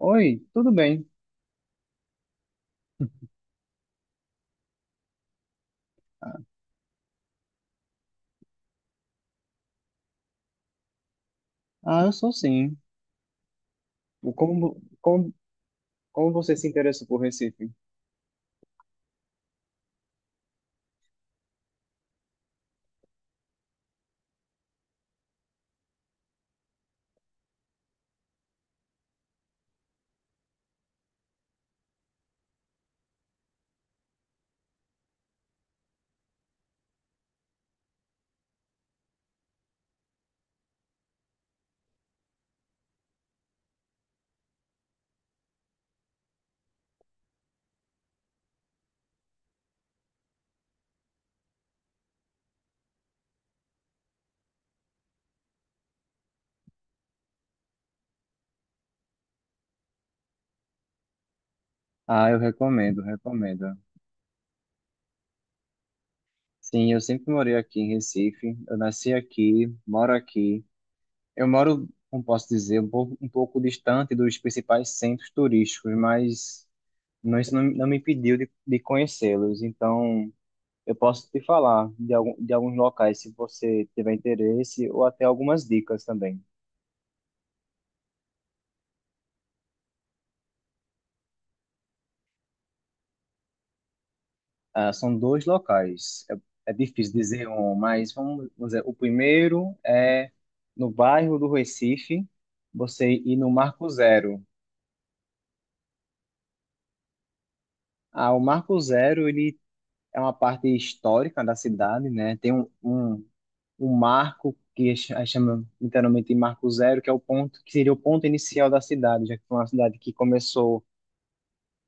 Oi, tudo bem? Ah, eu sou sim. O Como, como, como você se interessa por Recife? Ah, eu recomendo, recomendo. Sim, eu sempre morei aqui em Recife. Eu nasci aqui, moro aqui. Eu moro, como posso dizer, um pouco distante dos principais centros turísticos, mas não, isso não me impediu de conhecê-los. Então, eu posso te falar de alguns locais, se você tiver interesse, ou até algumas dicas também. Ah, são dois locais. É, é difícil dizer um, mas vamos dizer, o primeiro é no bairro do Recife, você ir no Marco Zero. Ah, o Marco Zero, ele é uma parte histórica da cidade, né? Tem um marco que chama internamente de Marco Zero, que é o ponto, que seria o ponto inicial da cidade, já que foi uma cidade que começou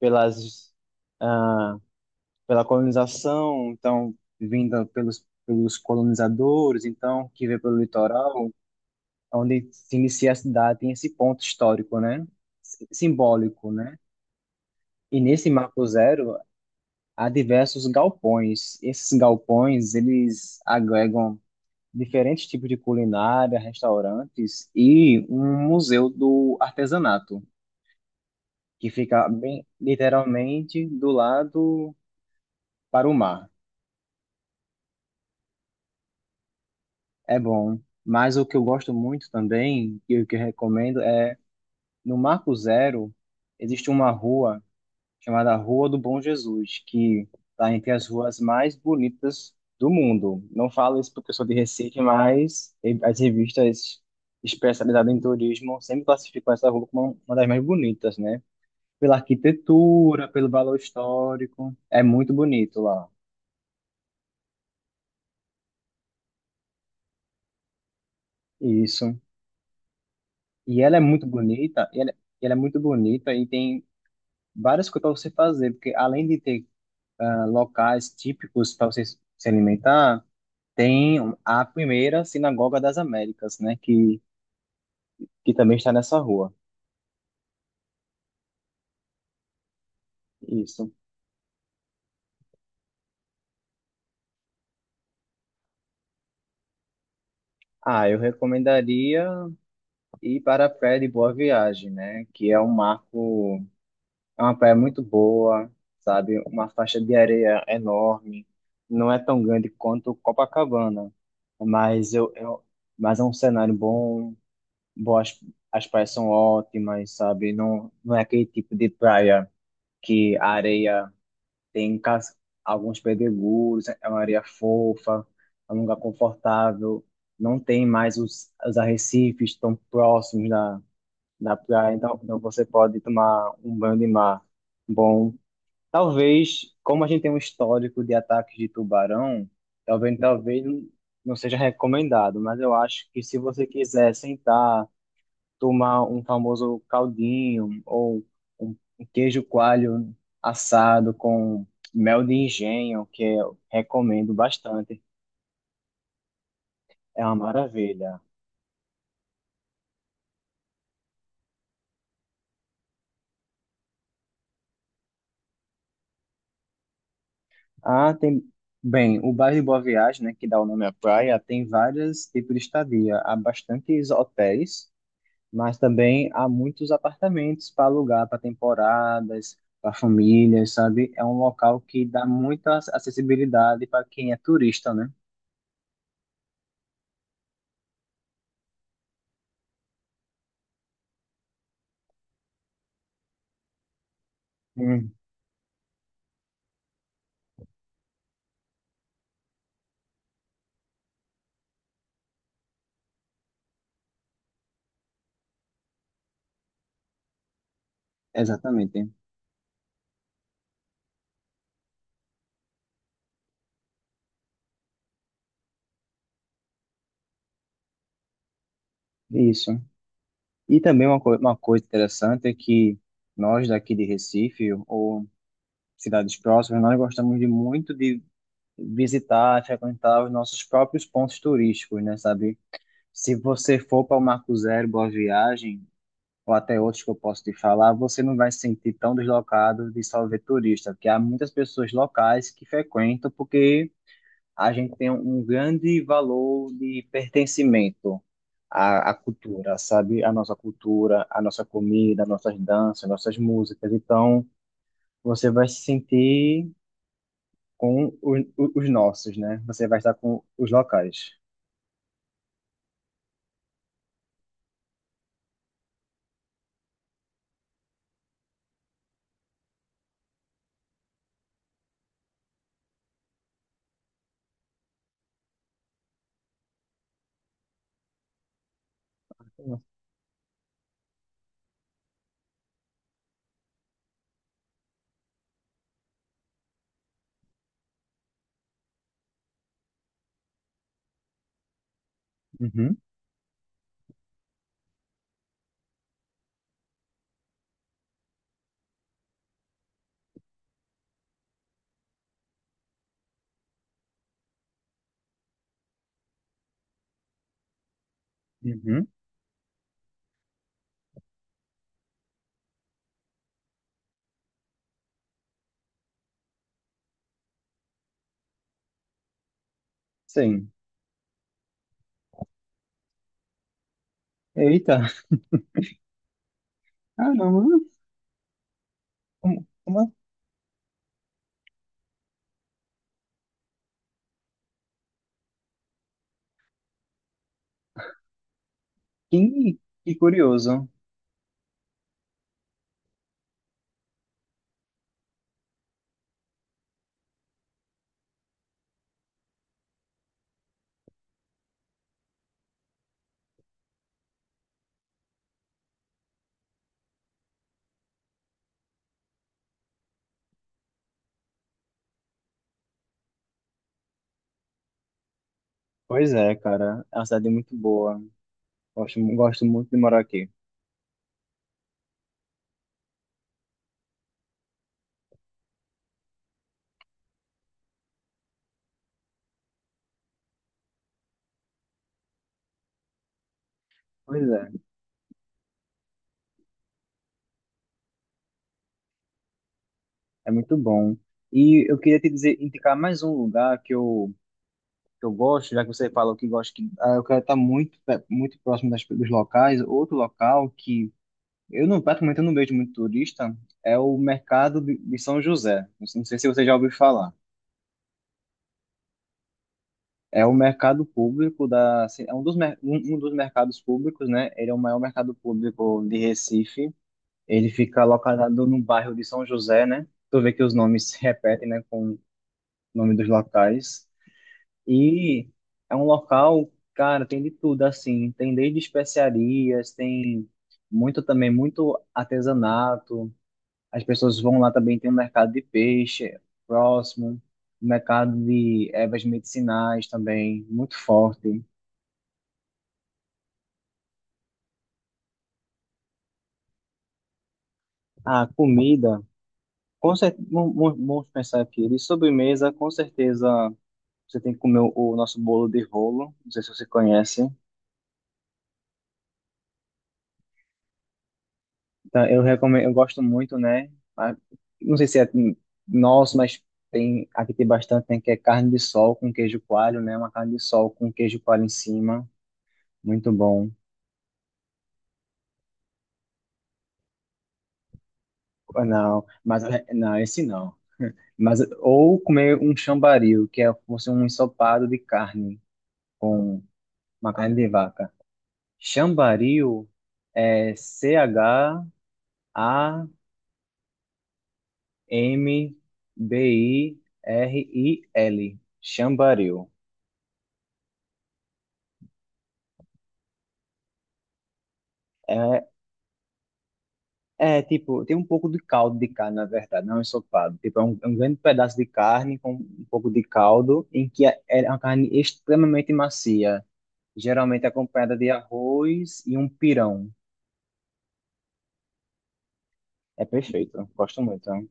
pelas ah, pela colonização, então vinda pelos colonizadores, então que veio pelo litoral, onde se inicia a cidade, tem esse ponto histórico, né? Simbólico, né? E nesse Marco Zero há diversos galpões. Esses galpões, eles agregam diferentes tipos de culinária, restaurantes e um museu do artesanato, que fica bem literalmente do lado para o mar. É bom, mas o que eu gosto muito também, e o que eu recomendo é, no Marco Zero, existe uma rua chamada Rua do Bom Jesus, que está entre as ruas mais bonitas do mundo. Não falo isso porque eu sou de Recife, mas as revistas especializadas em turismo sempre classificam essa rua como uma das mais bonitas, né? Pela arquitetura, pelo valor histórico, é muito bonito lá. Isso. E ela é muito bonita, e ela é muito bonita e tem várias coisas para você fazer, porque além de ter locais típicos para você se alimentar, tem a primeira Sinagoga das Américas, né, que também está nessa rua. Isso. Ah, eu recomendaria ir para a Praia de Boa Viagem, né, que é um marco, é uma praia muito boa, sabe, uma faixa de areia enorme, não é tão grande quanto Copacabana, mas eu mas é um cenário bom, boas, as praias são ótimas, sabe? Não, não é aquele tipo de praia que a areia tem cas- alguns pedregulhos, é uma areia fofa, é um lugar confortável, não tem mais os arrecifes tão próximos da, da praia, então, então você pode tomar um banho de mar bom. Talvez, como a gente tem um histórico de ataques de tubarão, talvez, talvez não seja recomendado, mas eu acho que se você quiser sentar tomar um famoso caldinho ou um queijo coalho assado com mel de engenho, que eu recomendo bastante. É uma maravilha. Ah, tem. Bem, o bairro de Boa Viagem, né, que dá o nome à praia, tem vários tipos de estadia. Há bastantes hotéis, mas também há muitos apartamentos para alugar para temporadas, para famílias, sabe? É um local que dá muita acessibilidade para quem é turista, né? Hum, exatamente. Isso. E também uma coisa interessante é que nós daqui de Recife ou cidades próximas, nós gostamos de muito de visitar, frequentar os nossos próprios pontos turísticos, né, sabe? Se você for para o Marco Zero, Boa Viagem, ou até outros que eu posso te falar, você não vai se sentir tão deslocado de só ver turista, porque há muitas pessoas locais que frequentam porque a gente tem um grande valor de pertencimento à cultura, sabe? A nossa cultura, a nossa comida, nossas danças, nossas músicas. Então, você vai se sentir com o- os nossos, né? Você vai estar com os locais. Uhum, uhum, sim. Eita, caramba, como assim? Que curioso. Pois é, cara, é uma cidade muito boa. Gosto, gosto muito de morar aqui. Pois é. É muito bom. E eu queria te dizer, indicar mais um lugar que eu gosto, já que você falou que gosta, eu quero estar muito, muito próximo das, dos locais. Outro local que eu não, praticamente eu não vejo muito turista é o mercado de São José. Não sei se você já ouviu falar. É um mercado público da, assim, é um um um dos mercados públicos, né? Ele é o maior mercado público de Recife. Ele fica localizado no bairro de São José, né? Tu vê que os nomes se repetem, né, com o nome dos locais. E é um local, cara, tem de tudo, assim. Tem desde especiarias, tem muito também, muito artesanato. As pessoas vão lá também, tem um mercado de peixe próximo, um mercado de ervas medicinais também, muito forte. A comida, com cer- mu- mu- vamos pensar aqui, de sobremesa, com certeza você tem que comer o nosso bolo de rolo, não sei se você conhece. Então, eu recomendo, eu gosto muito, né? Ah, não sei se é nosso, mas tem bastante, tem que é carne de sol com queijo coalho, né? Uma carne de sol com queijo coalho em cima, muito bom. Ah, não, mas não, esse não. Mas ou comer um chambaril, que é fosse um ensopado de carne com uma carne de vaca. Chambaril é CHAMBIRIL. Chambaril. É, tipo, tem um pouco de caldo de carne, na verdade, não é um ensopado. Tipo, é um grande pedaço de carne com um pouco de caldo, em que é uma carne extremamente macia, geralmente acompanhada de arroz e um pirão. É perfeito, gosto muito, né?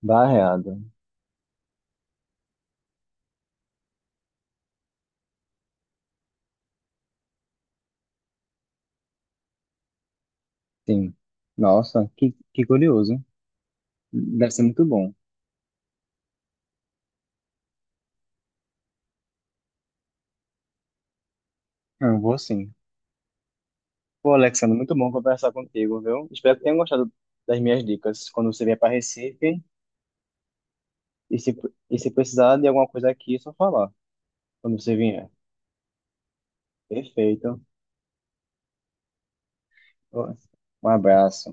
Barreado, sim. Nossa, que curioso. Deve ser muito bom. Ah, eu vou sim. Pô, Alexandre, muito bom conversar contigo, viu? Espero que tenham gostado das minhas dicas quando você vier para Recife. E se, e se precisar de alguma coisa aqui, é só falar quando você vier. Perfeito. Um abraço.